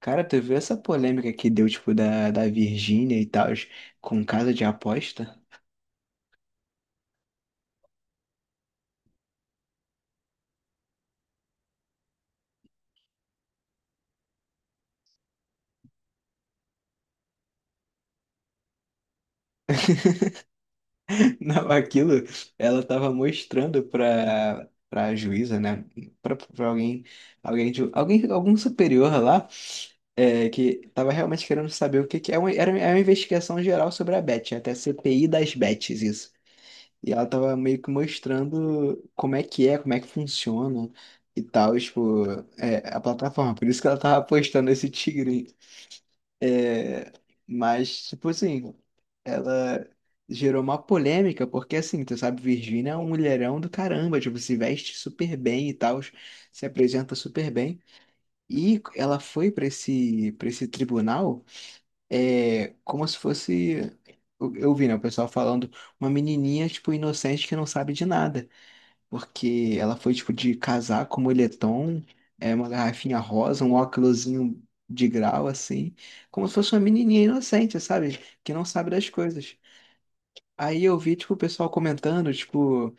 Cara, tu viu essa polêmica que deu, tipo, da Virgínia e tal, com casa de aposta? Não, aquilo ela tava mostrando pra juíza, né? Pra alguém, alguém, algum superior lá, que tava realmente querendo saber o que que é. Era uma investigação geral sobre a Bet, é até CPI das Bets, isso. E ela tava meio que mostrando como é que é, como é que funciona e tal, tipo, a plataforma. Por isso que ela tava postando esse tigre. É, mas, tipo assim, ela gerou uma polêmica, porque assim, tu sabe, Virgínia é um mulherão do caramba, tipo, se veste super bem e tal, se apresenta super bem. E ela foi pra para esse tribunal, é, como se fosse, eu vi, né, o pessoal falando, uma menininha, tipo, inocente que não sabe de nada porque ela foi tipo de casaco, moletom, é uma garrafinha rosa, um óculosinho de grau assim, como se fosse uma menininha inocente, sabe? Que não sabe das coisas. Aí eu vi tipo o pessoal comentando, tipo,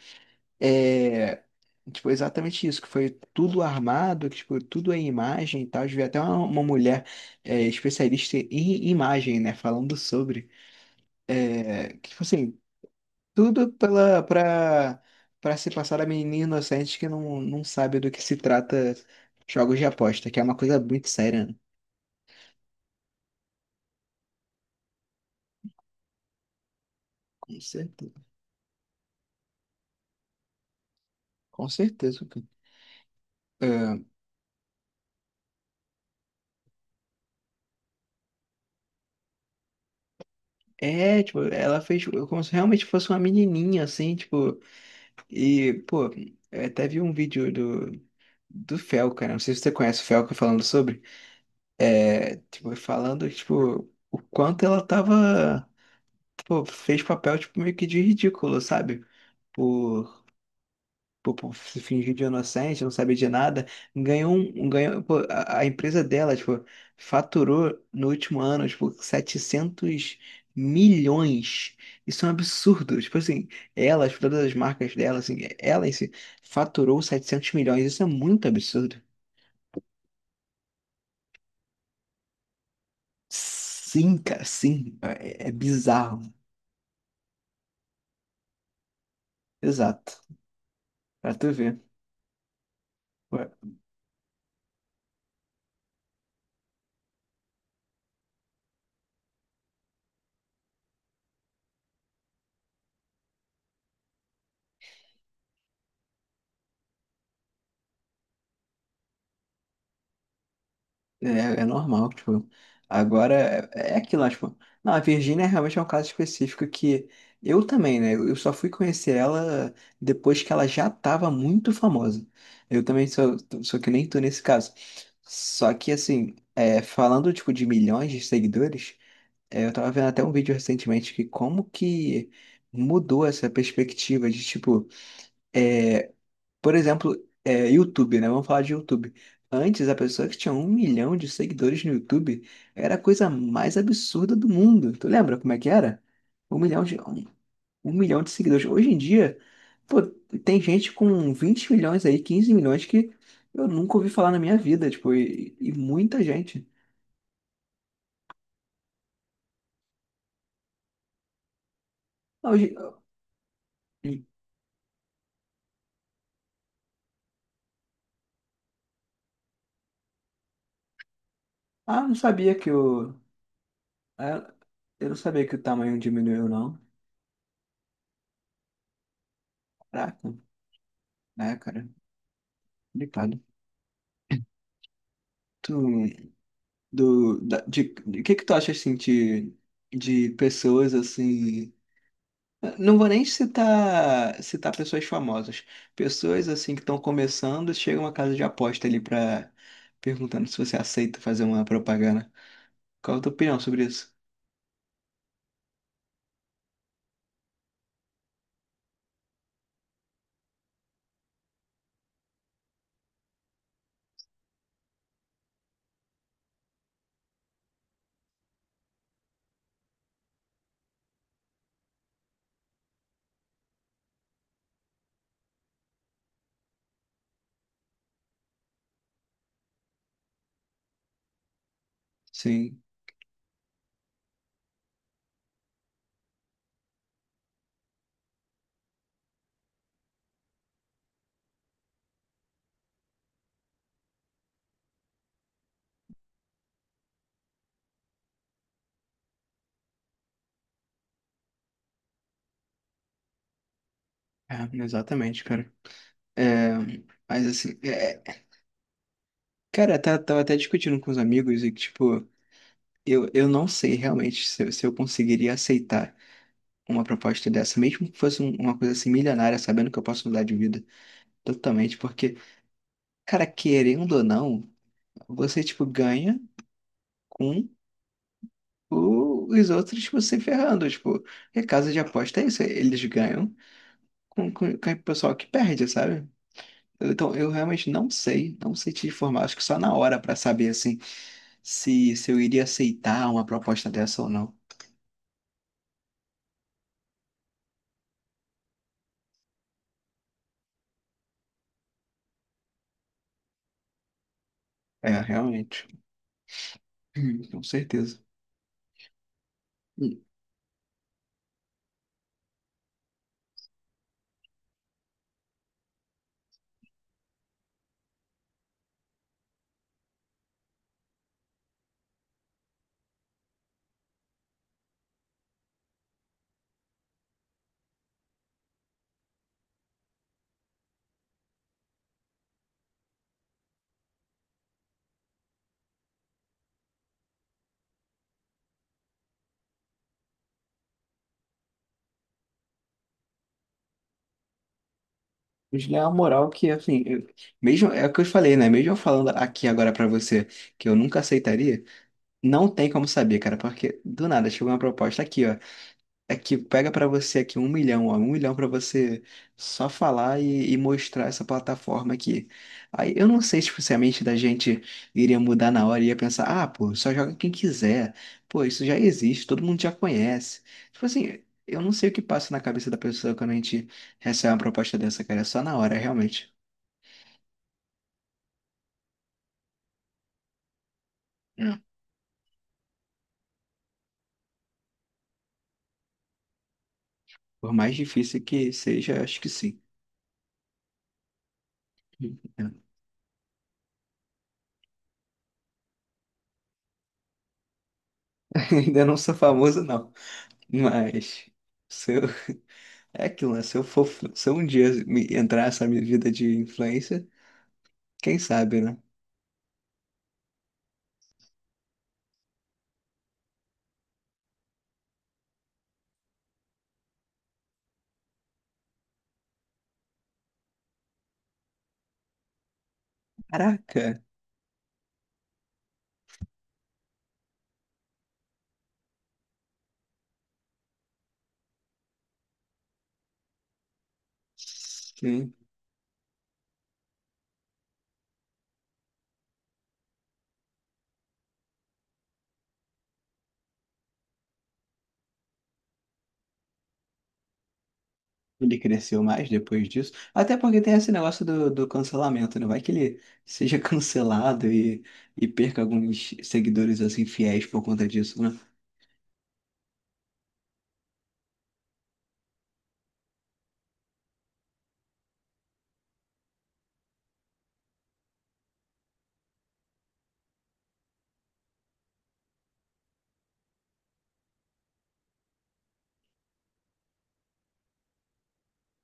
é, tipo exatamente isso, que foi tudo armado, que tipo tudo é imagem e tal. Eu vi até uma mulher é, especialista em imagem, né, falando sobre, que tipo assim tudo pela para para se passar a menina inocente que não sabe do que se trata jogos de aposta, que é uma coisa muito séria, né? Com certeza. Com certeza, cara. É, é, tipo, ela fez tipo, como se realmente fosse uma menininha, assim, tipo, e, pô, eu até vi um vídeo do, do Fel, cara, não sei se você conhece o Fel, falando sobre, é, tipo, falando, tipo, o quanto ela tava, pô, fez papel, tipo, meio que de ridículo, sabe? Por pô, pô, se fingir de inocente, não saber de nada, ganhou ganhou, pô, a empresa dela, tipo, faturou no último ano, tipo, 700 milhões. Isso é um absurdo. Tipo assim, ela, tipo, todas as marcas dela, assim, ela em si, faturou 700 milhões. Isso é muito absurdo. Sim, cara, sim. É, é bizarro. Exato. Pra tu ver. É, é normal, tipo, agora é, é aquilo, lá, tipo, não, a Virgínia realmente é um caso específico que eu também, né, eu só fui conhecer ela depois que ela já tava muito famosa. Eu também sou, sou que nem tu nesse caso. Só que, assim, é, falando, tipo, de milhões de seguidores, é, eu tava vendo até um vídeo recentemente que como que mudou essa perspectiva de, tipo, é, por exemplo, é, YouTube, né? Vamos falar de YouTube. Antes, a pessoa que tinha um milhão de seguidores no YouTube era a coisa mais absurda do mundo. Tu lembra como é que era? Um milhão de, um, um milhão de seguidores. Hoje em dia, pô, tem gente com 20 milhões aí, 15 milhões que eu nunca ouvi falar na minha vida, tipo, e muita gente. Ah, Hoje, não sabia que o... ah, Eu não sabia que o tamanho diminuiu, não. Caraca, né, cara? Complicado. Tu, do da, de que tu acha assim de pessoas assim não vou nem citar pessoas famosas, pessoas assim que estão começando chegam a casa de aposta ali pra perguntando se você aceita fazer uma propaganda, qual a tua opinião sobre isso? Sim. É, exatamente, cara. é, mas assim é, é, cara tá, tava até discutindo com os amigos e que tipo eu não sei realmente se eu conseguiria aceitar uma proposta dessa, mesmo que fosse uma coisa assim milionária, sabendo que eu posso mudar de vida totalmente, porque, cara, querendo ou não, você, tipo, ganha com os outros, tipo, se ferrando, tipo, e casa de aposta é isso, eles ganham com o pessoal que perde, sabe? Então, eu realmente não sei, não sei te informar, acho que só na hora pra saber, assim, se eu iria aceitar uma proposta dessa ou não. É, realmente. Com certeza. Eles é uma moral que, assim, mesmo, é o que eu falei, né? Mesmo eu falando aqui agora pra você que eu nunca aceitaria, não tem como saber, cara, porque do nada chegou uma proposta aqui, ó. Aqui, pega pra você aqui um milhão, ó, um milhão pra você só falar e mostrar essa plataforma aqui. Aí eu não sei se tipo, se a mente da gente iria mudar na hora e ia pensar, ah, pô, só joga quem quiser. Pô, isso já existe, todo mundo já conhece. Tipo assim, eu não sei o que passa na cabeça da pessoa quando a gente recebe uma proposta dessa, cara. É só na hora, realmente. É. Por mais difícil que seja, acho que sim. Ainda não sou famoso, não. Mas. Sou. É aquilo, né? Se eu for, se eu um dia entrar nessa minha vida de influencer, quem sabe, né? Caraca! Sim. Ele cresceu mais depois disso. Até porque tem esse negócio do cancelamento, né? Vai que ele seja cancelado e perca alguns seguidores assim fiéis por conta disso, né?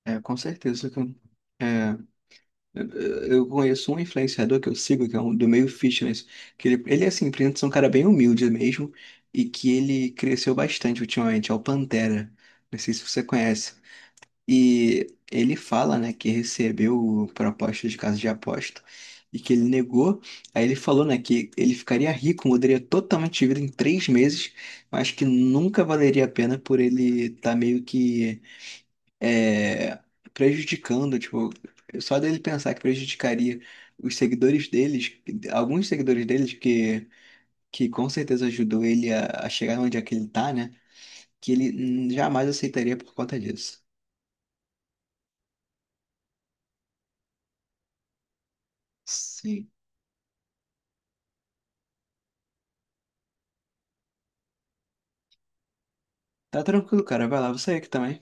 É, com certeza, cara. É. Eu conheço um influenciador que eu sigo, que é um do meio fitness, que ele é assim, aparenta é um cara bem humilde mesmo, e que ele cresceu bastante ultimamente, é o Pantera. Não sei se você conhece. E ele fala, né, que recebeu proposta de casa de aposta e que ele negou. Aí ele falou, né, que ele ficaria rico, mudaria totalmente de vida em 3 meses, mas que nunca valeria a pena por ele estar meio que é, prejudicando, tipo, só dele pensar que prejudicaria os seguidores deles, alguns seguidores deles que com certeza ajudou ele a chegar onde é que ele tá, né? Que ele jamais aceitaria por conta disso. Sim. Tá tranquilo, cara. Vai lá, você é aqui também.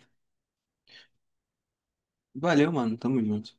Valeu, mano. Tamo junto.